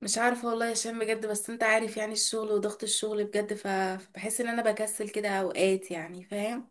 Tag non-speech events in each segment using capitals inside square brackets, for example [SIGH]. مش عارفة والله يا هشام بجد. بس انت عارف يعني، الشغل وضغط الشغل بجد، فبحس ان انا بكسل كده اوقات، يعني فاهم.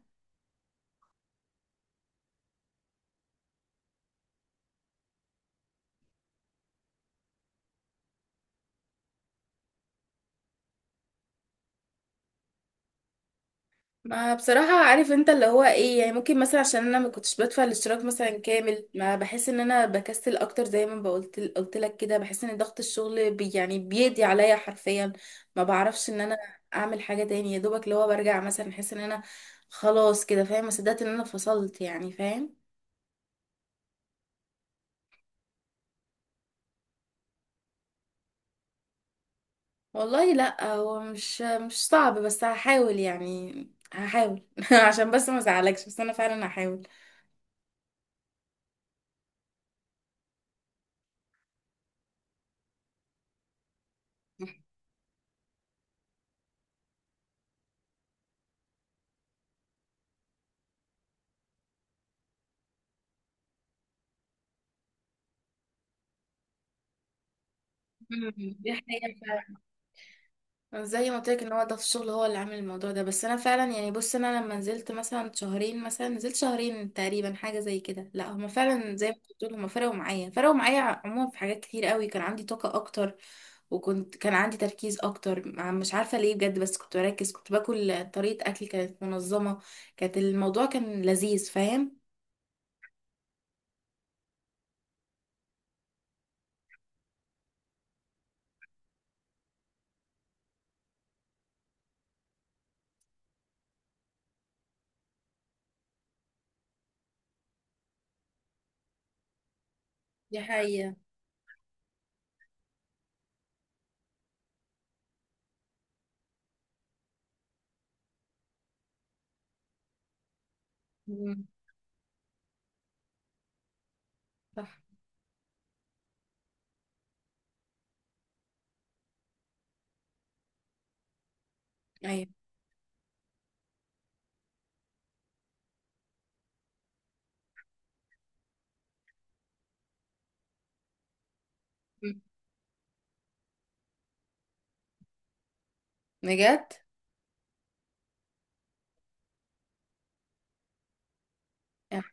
ما بصراحة عارف انت اللي هو ايه، يعني ممكن مثلا عشان انا ما كنتش بدفع الاشتراك مثلا كامل، ما بحس ان انا بكسل اكتر، زي ما قلت لك كده، بحس ان ضغط الشغل بي يعني بيدي عليا حرفيا. ما بعرفش ان انا اعمل حاجة تاني، يا دوبك اللي هو برجع مثلا احس ان انا خلاص كده فاهم، ما صدقت ان انا فصلت يعني فاهم. والله لا، هو مش صعب بس هحاول يعني. هحاول [LAUGHS] عشان بس ما ازعلكش، بس انا فعلا هحاول. [LAUGHS] مم. دي حقيقة. زي ما قلت لك ان هو ده في الشغل هو اللي عامل الموضوع ده، بس انا فعلا يعني، بص، انا لما نزلت مثلا شهرين، مثلا نزلت شهرين تقريبا حاجه زي كده. لا، هما فعلا زي ما بتقول، هما فرقوا معايا، فرقوا معايا عموما في حاجات كتير قوي. كان عندي طاقه اكتر، كان عندي تركيز اكتر، مش عارفه ليه بجد، بس كنت بركز، كنت باكل طريقه اكل كانت منظمه، الموضوع كان لذيذ فاهم. دي حقيقة. مم. صح. ايوه. مم. بجد. يعني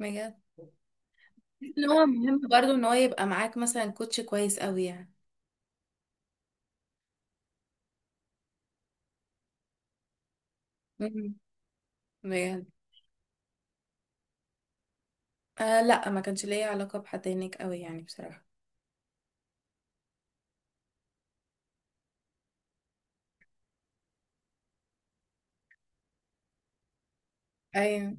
بجد ان هو مهم برضو ان هو يبقى معاك مثلا كوتش كويس قوي يعني. مم. بجد. آه، لا ما كانش ليا علاقة بحد هناك قوي يعني بصراحة. ايوه.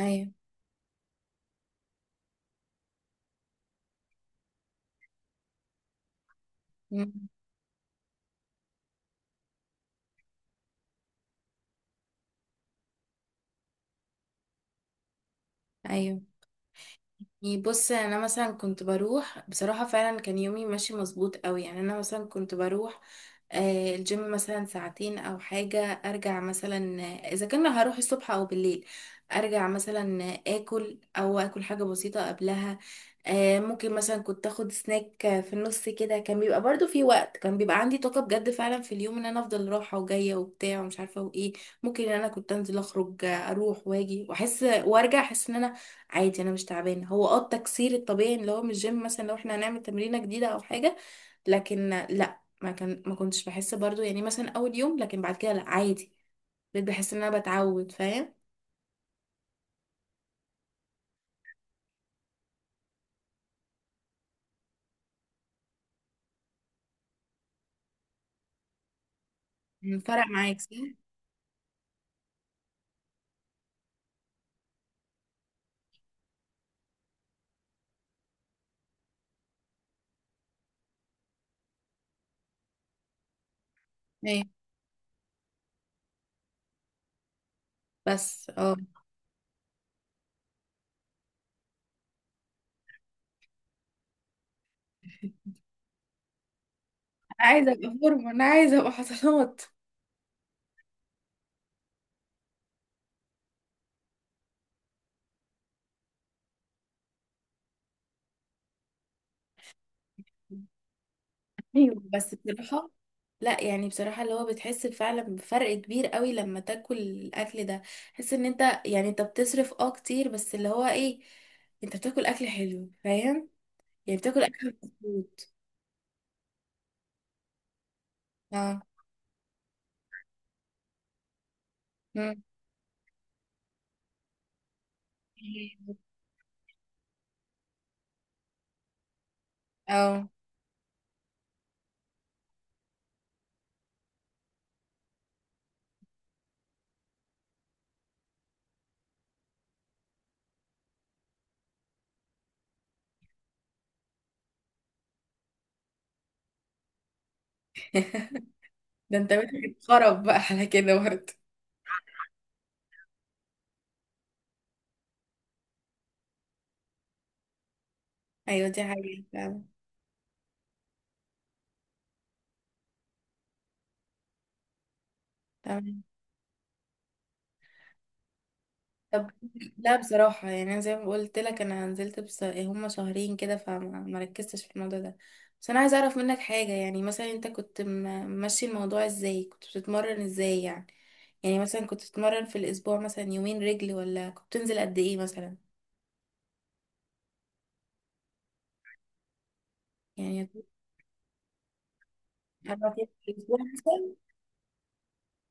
ايوه. مم. ايوه. يعني بص، يعني انا مثلا كنت بروح بصراحة، فعلا كان يومي ماشي مظبوط قوي، يعني انا مثلا كنت بروح الجيم مثلا ساعتين او حاجة، ارجع مثلا اذا كان هروح الصبح او بالليل، ارجع مثلا اكل او اكل حاجة بسيطة قبلها، ممكن مثلا كنت اخد سناك في النص كده كان بيبقى برضو في وقت كان بيبقى عندي طاقة بجد، فعلا في اليوم ان انا افضل رايحة وجاية وبتاع ومش عارفة وايه. ممكن ان انا كنت انزل اخرج اروح واجي واحس وارجع احس ان انا عادي، انا مش تعبانه. هو التكسير الطبيعي اللي هو من الجيم مثلا لو احنا هنعمل تمرينه جديده او حاجه، لكن لا، ما كنتش بحس برضو يعني، مثلا اول يوم، لكن بعد كده لا عادي، بقيت بحس ان انا بتعود فاهم. مم، فرق معاك صح. ايه بس انا عايزه ابقى فورمه، انا عايزه ابقى حصلات. [LAUGHS] ايوه بس بصراحه. لا يعني بصراحة اللي هو بتحس فعلا بفرق كبير قوي لما تاكل الأكل ده، تحس ان انت، يعني انت بتصرف كتير، بس اللي هو ايه، انت بتاكل أكل حلو فاهم، يعني بتاكل اكل مظبوط. اه. مم. اه. [LAUGHS] ده انت بقى خرب بقى على كده برضه. ايوه دي حقيقة فعلا. تمام. طب لا بصراحة يعني، انا زي ما قلت لك انا نزلت بس هما شهرين كده، فما ما ركزتش في الموضوع ده. بس انا عايزة اعرف منك حاجة، يعني مثلا انت كنت ماشي الموضوع ازاي، كنت بتتمرن ازاي يعني، يعني مثلا كنت بتتمرن في الاسبوع مثلا يومين رجل، ولا كنت بتنزل قد ايه مثلا؟ يعني 4 ايام في الاسبوع مثلا.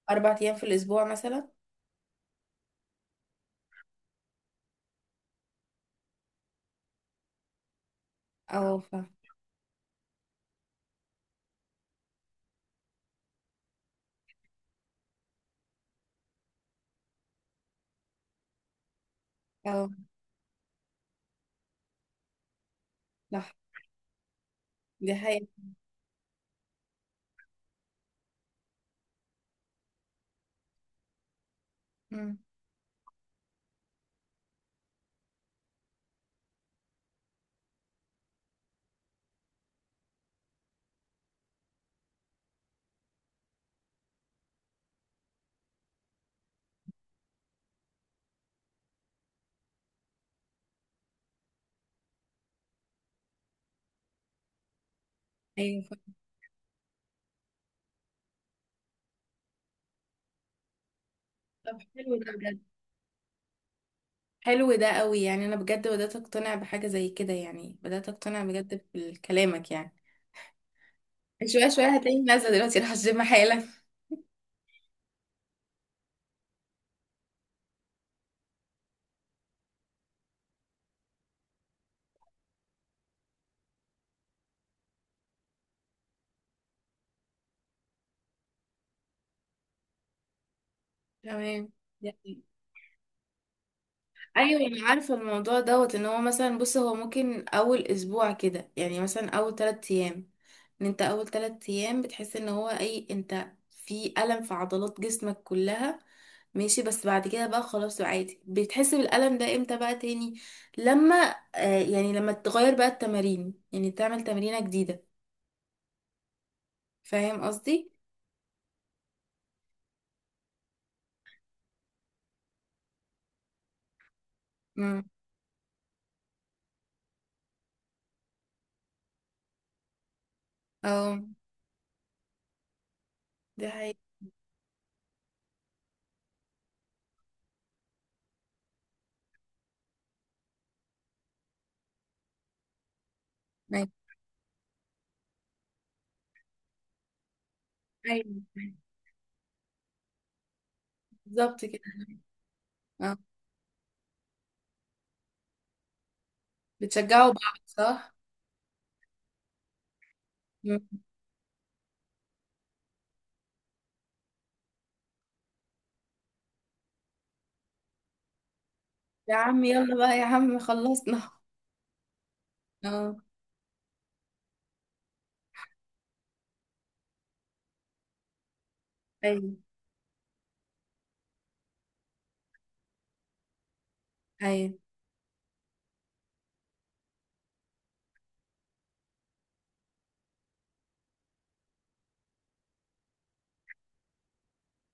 4 ايام في الاسبوع مثلا. اه، اه، صح. دي حقيقة. مم. ايوه طب حلو ده بجد، حلو ده قوي، يعني انا بجد بدأت اقتنع بحاجة زي كده، يعني بدأت اقتنع بجد بكلامك يعني. شوية شوية هتلاقيني نازلة، دلوقتي راح الجيم حالا. تمام. يعني. ايوه، انا عارفه الموضوع دوت ان هو مثلا، بص هو ممكن اول اسبوع كده يعني، مثلا اول 3 ايام، ان انت اول 3 ايام بتحس ان هو اي انت في الم في عضلات جسمك كلها، ماشي، بس بعد كده بقى خلاص عادي، بتحس بالالم ده امتى بقى تاني؟ لما آه يعني لما تغير بقى التمارين، يعني تعمل تمرينه جديده. فاهم قصدي. امم. اه. دي حقيقة. ايوه. أيوة، بالظبط كده. اه. بتشجعوا بعض صح؟ يا عم يلا بقى يا عم خلصنا [LAUGHS] اه. ايوه. ايوه.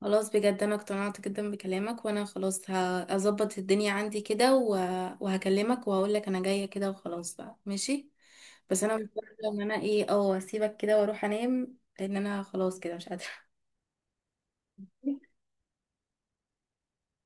خلاص بجد، انا اقتنعت جدا بكلامك، وانا خلاص هظبط الدنيا عندي كده وهكلمك وهقول لك انا جايه كده وخلاص بقى ماشي. بس انا مضطره ان انا ايه اه اسيبك كده واروح انام، لان انا خلاص كده مش قادره.